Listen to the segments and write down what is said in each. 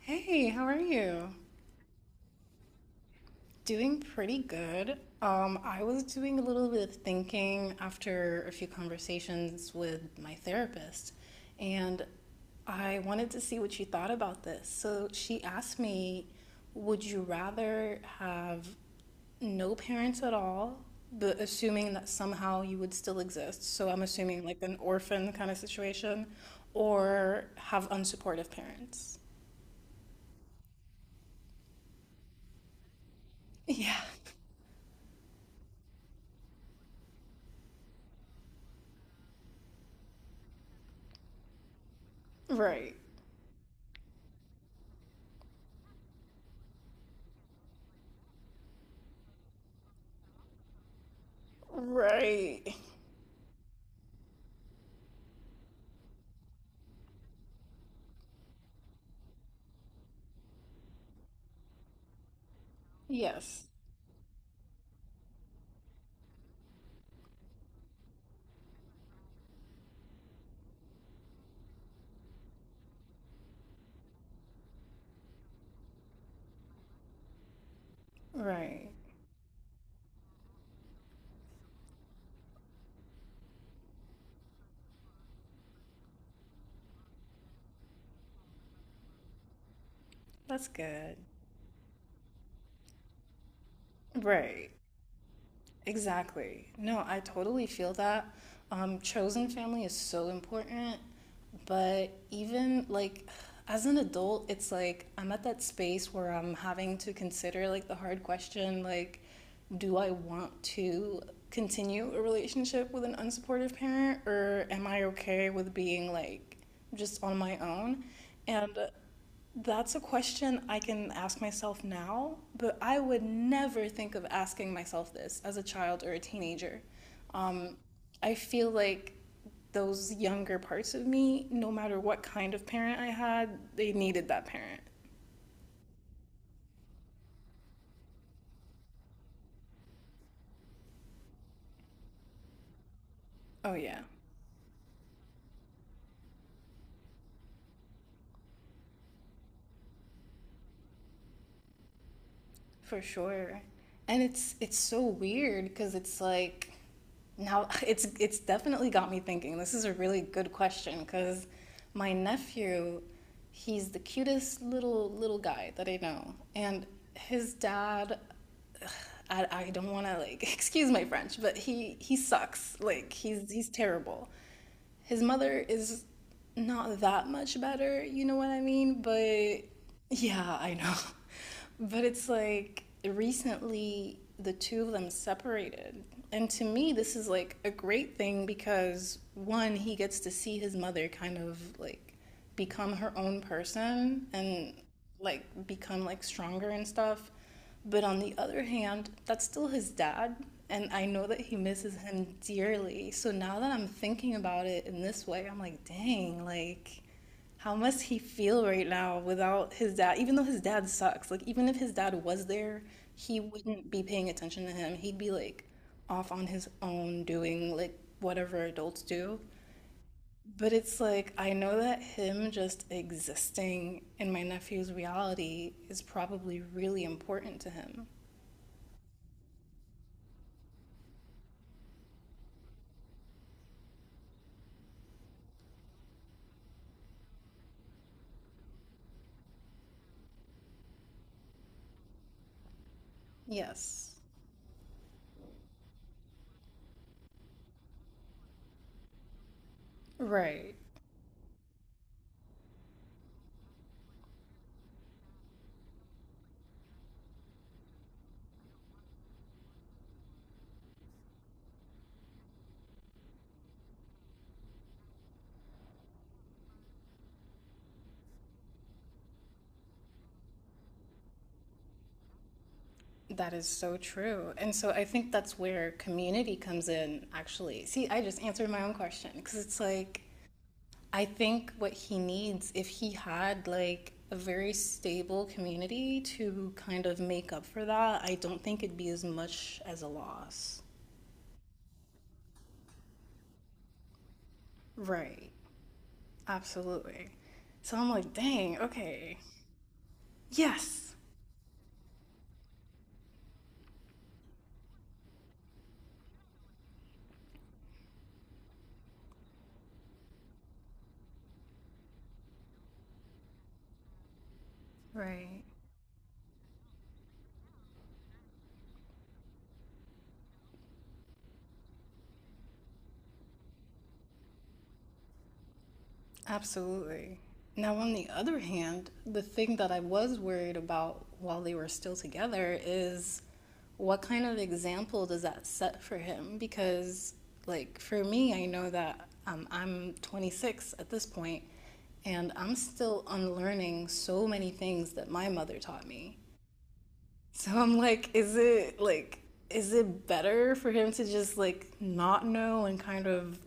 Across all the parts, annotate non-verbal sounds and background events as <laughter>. Hey, how are you? Doing pretty good. I was doing a little bit of thinking after a few conversations with my therapist, and I wanted to see what you thought about this. So she asked me, would you rather have no parents at all, but assuming that somehow you would still exist? So I'm assuming like an orphan kind of situation, or have unsupportive parents? Yeah. <laughs> Right. Right. Yes. Right. That's good. Right. Exactly. No, I totally feel that. Chosen family is so important, but even like as an adult, it's like I'm at that space where I'm having to consider like the hard question like, do I want to continue a relationship with an unsupportive parent, or am I okay with being like just on my own? And that's a question I can ask myself now, but I would never think of asking myself this as a child or a teenager. Um, I feel like those younger parts of me, no matter what kind of parent I had, they needed that parent. Oh, yeah. For sure. And it's so weird because it's like now, <laughs> it's definitely got me thinking. This is a really good question because my nephew, he's the cutest little guy that I know, and his dad. <sighs> I don't want to like <laughs> excuse my French, but he sucks. Like he's terrible. His mother is not that much better, you know what I mean? But yeah, I know. <laughs> But it's like recently the two of them separated. And to me, this is like a great thing because one, he gets to see his mother kind of like become her own person and like become like stronger and stuff. But on the other hand, that's still his dad. And I know that he misses him dearly. So now that I'm thinking about it in this way, I'm like, dang, like how must he feel right now without his dad? Even though his dad sucks, like even if his dad was there, he wouldn't be paying attention to him. He'd be like off on his own doing like whatever adults do. But it's like I know that him just existing in my nephew's reality is probably really important to him. Yes. Right. That is so true. And so I think that's where community comes in, actually. See, I just answered my own question because it's like I think what he needs, if he had like a very stable community to kind of make up for that, I don't think it'd be as much as a loss. Right. Absolutely. So I'm like, dang, okay. Yes. Right. Absolutely. Now, on the other hand, the thing that I was worried about while they were still together is what kind of example does that set for him? Because, like, for me, I know that I'm 26 at this point, and I'm still unlearning so many things that my mother taught me. So I'm like is it better for him to just like not know and kind of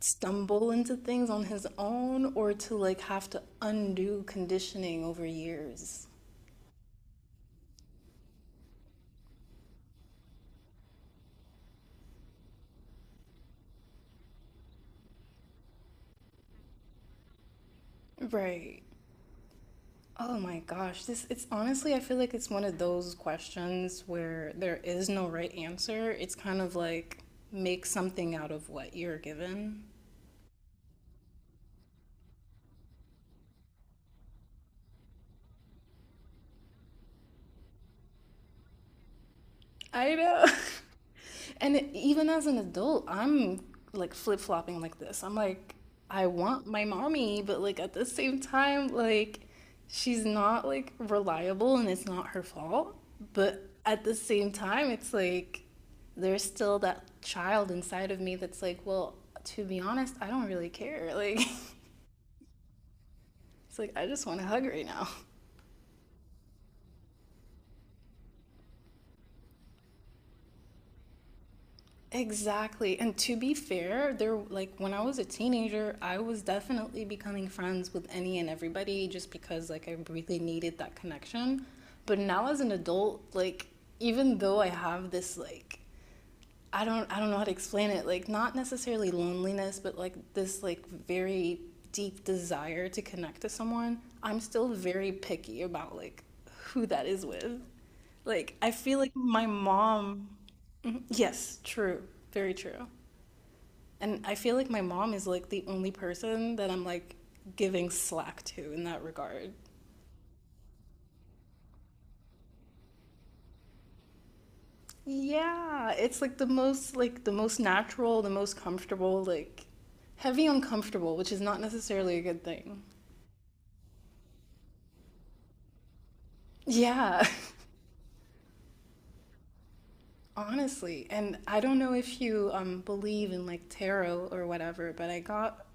stumble into things on his own, or to like have to undo conditioning over years? Right. Oh my gosh, this it's honestly I feel like it's one of those questions where there is no right answer. It's kind of like make something out of what you're given. I know. <laughs> And even as an adult, I'm like flip-flopping like this. I'm like, I want my mommy, but like at the same time, like she's not like reliable and it's not her fault. But at the same time, it's like there's still that child inside of me that's like, well, to be honest, I don't really care. Like, <laughs> it's like I just want to hug right now. Exactly. And to be fair, there like when I was a teenager, I was definitely becoming friends with any and everybody just because like I really needed that connection. But now as an adult, like even though I have this like I don't know how to explain it. Like not necessarily loneliness, but like this like very deep desire to connect to someone. I'm still very picky about like who that is with. Like I feel like my mom. Mhm. Yes, true. Very true. And I feel like my mom is like the only person that I'm like giving slack to in that regard. Yeah, it's like the most natural, the most comfortable, like heavy uncomfortable, which is not necessarily a good thing. Yeah, <laughs> honestly. And I don't know if you believe in like tarot or whatever, but I got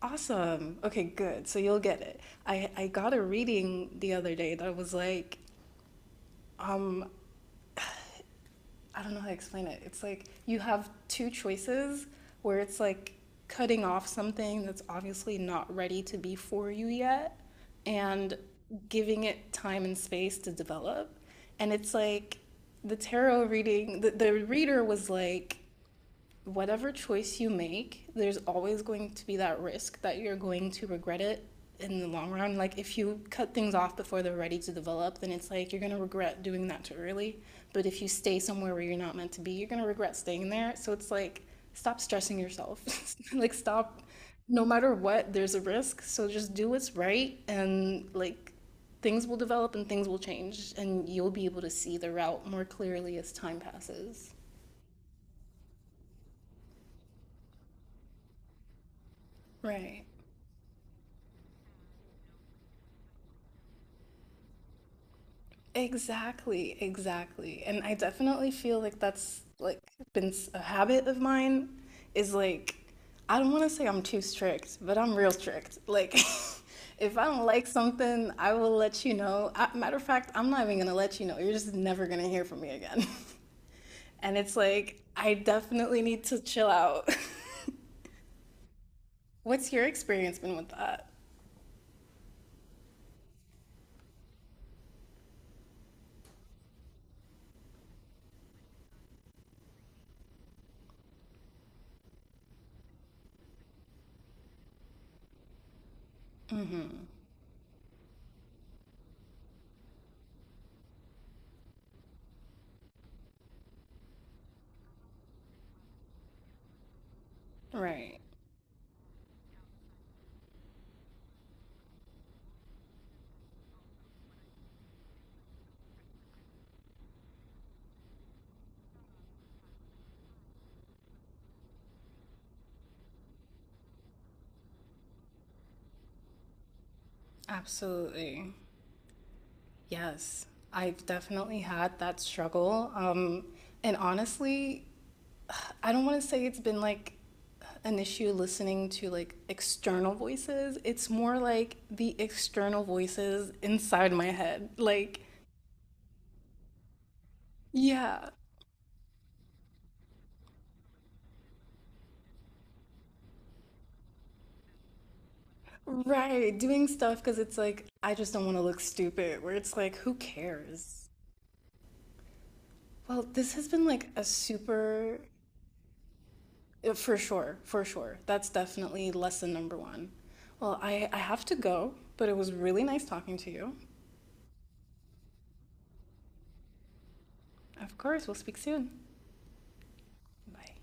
awesome. Okay, good. So you'll get it. I got a reading the other day that was like um, I don't know how to explain it. It's like you have two choices where it's like cutting off something that's obviously not ready to be for you yet and giving it time and space to develop. And it's like the tarot reading, the reader was like, whatever choice you make, there's always going to be that risk that you're going to regret it in the long run. Like if you cut things off before they're ready to develop, then it's like you're going to regret doing that too early. But if you stay somewhere where you're not meant to be, you're going to regret staying there. So it's like stop stressing yourself. <laughs> Like stop no matter what, there's a risk. So just do what's right and like things will develop and things will change and you'll be able to see the route more clearly as time passes. Right. Exactly, exactly. And I definitely feel like that's like a habit of mine is like I don't want to say I'm too strict, but I'm real strict. Like <laughs> if I don't like something, I will let you know. I, matter of fact, I'm not even going to let you know. You're just never going to hear from me again. <laughs> And it's like I definitely need to chill out. <laughs> What's your experience been with that? Hmm. Right. Absolutely. Yes, I've definitely had that struggle. And honestly, I don't want to say it's been like an issue listening to like external voices. It's more like the external voices inside my head. Like, yeah, right, doing stuff because it's like, I just don't want to look stupid, where it's like, who cares? Well, this has been like a super for sure, for sure. That's definitely lesson number one. Well, I have to go, but it was really nice talking to you. Of course, we'll speak soon. Bye.